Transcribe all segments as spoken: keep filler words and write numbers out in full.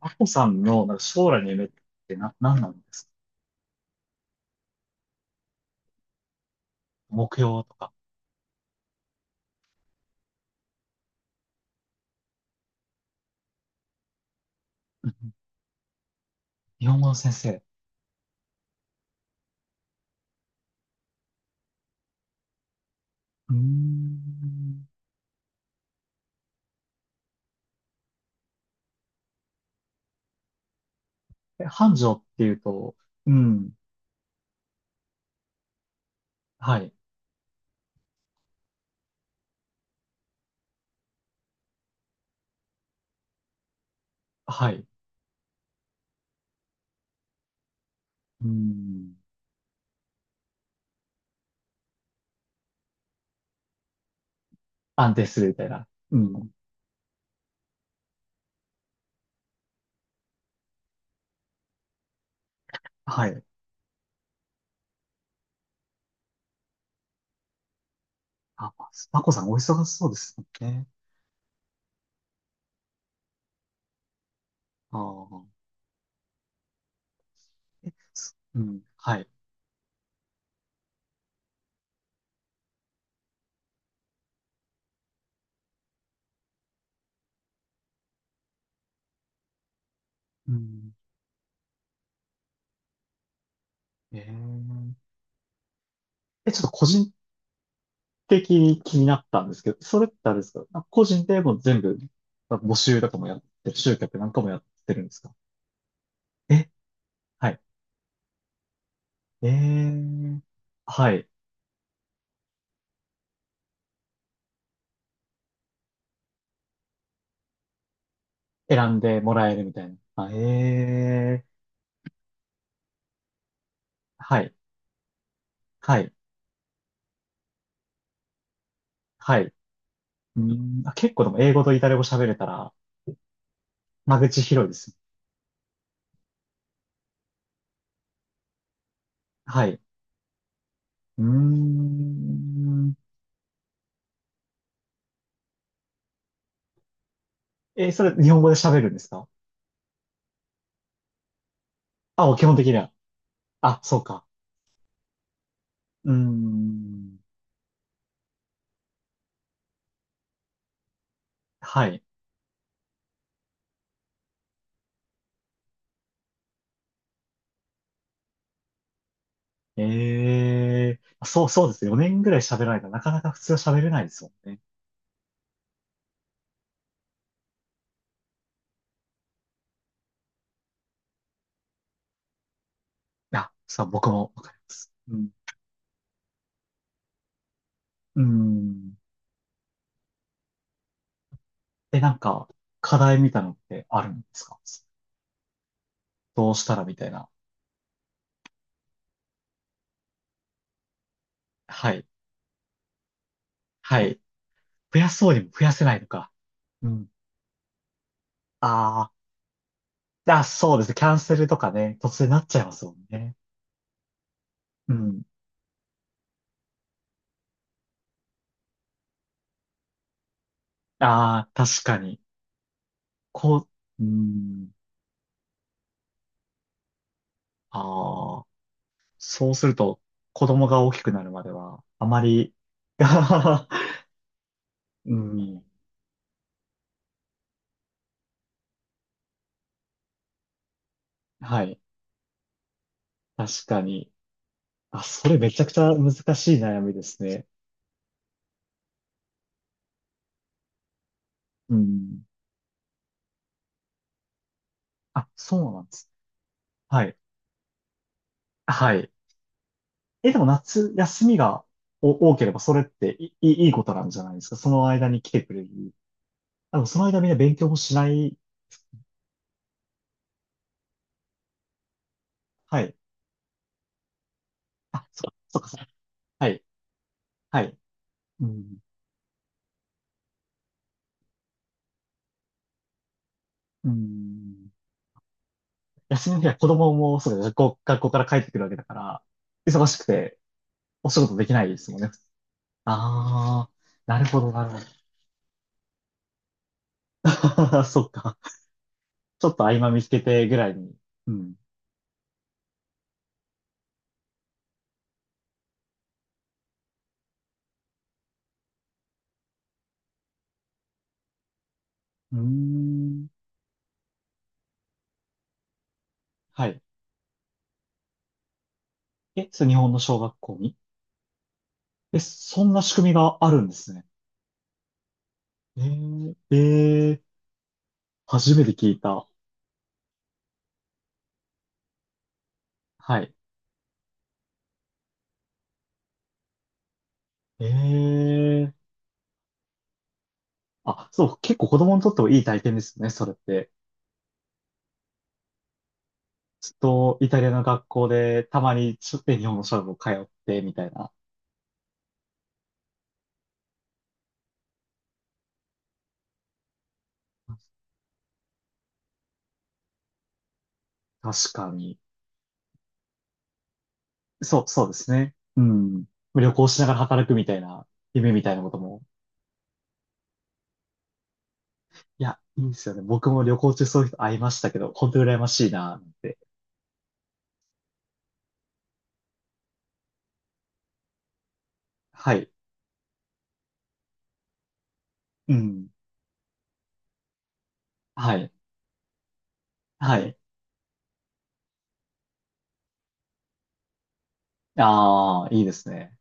アコさんのなんか将来の夢ってな、何なんですか？目標とか。うん。日本語の先生。うーん。え、繁盛っていうと、うん。はい。はい。うん。安定するみたいな。うん。はい。あ、アさんお忙しそうですね。ああ。え、すうん。はい。うん。えー、え、ちょっと個人的に気になったんですけど、それってあれですか、なんか個人でもう全部、なんか募集とかもやってる、集客なんかもやってるんですか？え、はい。えー、はい。選んでもらえるみたいな。あ、えー、はい。はい。はい。うん、あ、結構でも英語とイタリア語喋れたら、間口広いですね。はい。うーん。えー、それ日本語で喋るんですか？あ、もう基本的には。あ、そうか。うーん。はい。えー、そう、そうですね。よねんぐらい喋らないとなかなか普通は喋れないですもんね。あ、そう、僕もわかります。うん。うーん。え、なんか、課題みたいなのってあるんですか？どうしたらみたいな。はい。はい。増やそうにも増やせないのか。うん。あー、あ、そうですね。キャンセルとかね、突然なっちゃいますもんね。うん。ああ、確かに。こう、うん。ああ、そうすると、子供が大きくなるまでは、あまり、うん。はい。確かに。あ、それめちゃくちゃ難しい悩みですね。うん。あ、そうなんです。はい。はい。え、でも夏休みがお多ければそれっていい、いいことなんじゃないですか。その間に来てくれる。あ、でもその間みんな勉強もしない。はい。あ、そ、そっか、そっか。はい。はい。うん。うん。休みの日は子供も、そうだよね、学校、学校から帰ってくるわけだから、忙しくてお仕事できないですもんね。ああ、なるほど、なるほど。そっか。ちょっと合間見つけてぐらいに。うん。うーん。はい。え、それ日本の小学校に？え、そんな仕組みがあるんですね。えええー、初めて聞いた。はい。ええ、あ、そう、結構子供にとってもいい体験ですね、それって。ずっとイタリアの学校でたまにちょっと日本の小学を通ってみたいな。確かに。そう、そうですね。うん。旅行しながら働くみたいな、夢みたいなことも。いや、いいですよね。僕も旅行中そういう人会いましたけど、本当に羨ましいな、なんて。はい。うん。はい。はい。ああ、いいですね。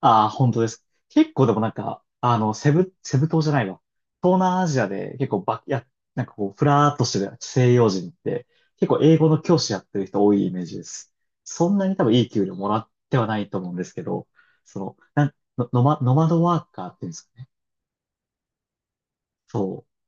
ああ、本当です。結構でもなんか、あの、セブ、セブ島じゃないわ。東南アジアで結構ば、いや、なんかこう、ふらーっとしてる西洋人って、結構英語の教師やってる人多いイメージです。そんなに多分いい給料もらってはないと思うんですけど、その、なん、の、ノマ、ノマドワーカーっていうんですかね。そう。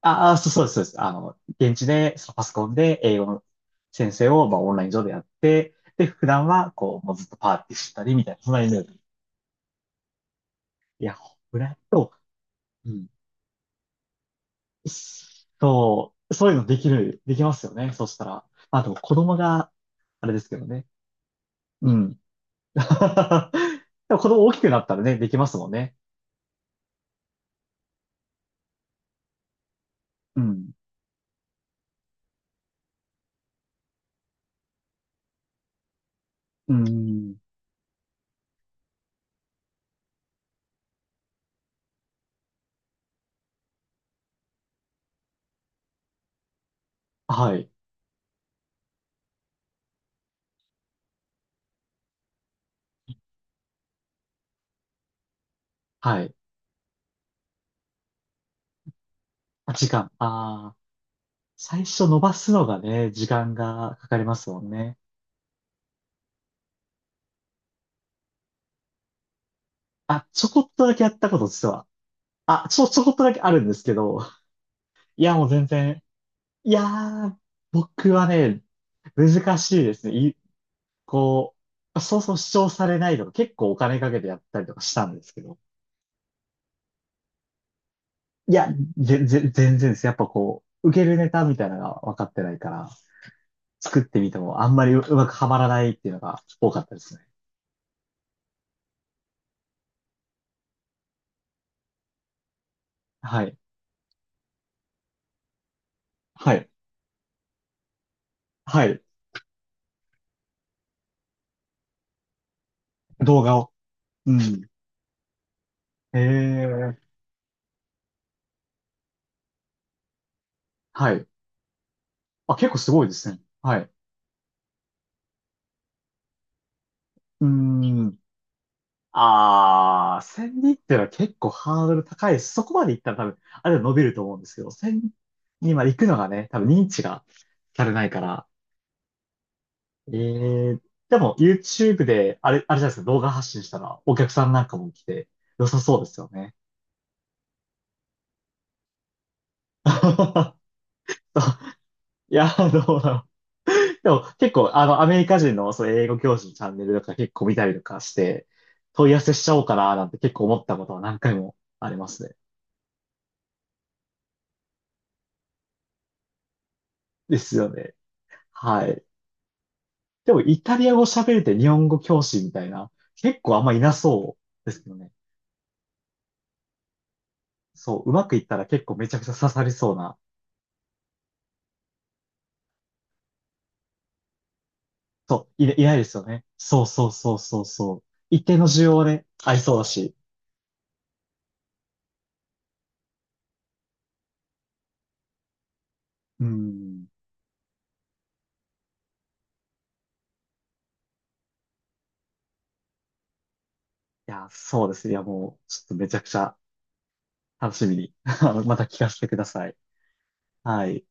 ああ、そうそうです、そうです。あの、現地で、そのパソコンで英語の先生を、まあ、オンライン上でやって、で、普段は、こう、もうずっとパーティーしたりみたいな、そんなイメージ。いや、ほら、と、うん、そう、そういうのできる、できますよね。そしたら。まあと子供が、あれですけどね。うん。でも子供大きくなったらね、できますもんね。うん。うん。はい。はい。あ、時間。ああ。最初伸ばすのがね、時間がかかりますもんね。あ、ちょこっとだけやったこと実は。あ、ちょ、ちょこっとだけあるんですけど。いや、もう全然。いやー、僕はね、難しいですね。こう、そうそう主張されないとか、結構お金かけてやったりとかしたんですけど、いや、ぜ、全然です。やっぱこう、受けるネタみたいなのが分かってないから、作ってみてもあんまりう、うまくはまらないっていうのが多かったですね。はい。はい。はい。動画を。うん。ええ、はい。あ、結構すごいですね。はい。うーん。ああ、せんにんっていうのは結構ハードル高いです。そこまで行ったら多分、あれは伸びると思うんですけど、せんにんまで行くのがね、多分認知がされないから。ええ、でも YouTube で、あれ、あれじゃないですか、動画発信したらお客さんなんかも来て、良さそうですよね。いや、どうだろう。でも結構、あの、アメリカ人のその英語教師のチャンネルとか結構見たりとかして、問い合わせしちゃおうかななんて結構思ったことは何回もありますね。ですよね。はい。でも、イタリア語喋れて日本語教師みたいな、結構あんまいなそうですよね。そう、うまくいったら結構めちゃくちゃ刺さりそうな。そう、いな、いないですよね。そうそうそうそうそう。一定の需要はね、ありそうだし。うん。いや、そうですね。いや、もう、ちょっとめちゃくちゃ楽しみに、あのまた聞かせてください。はい。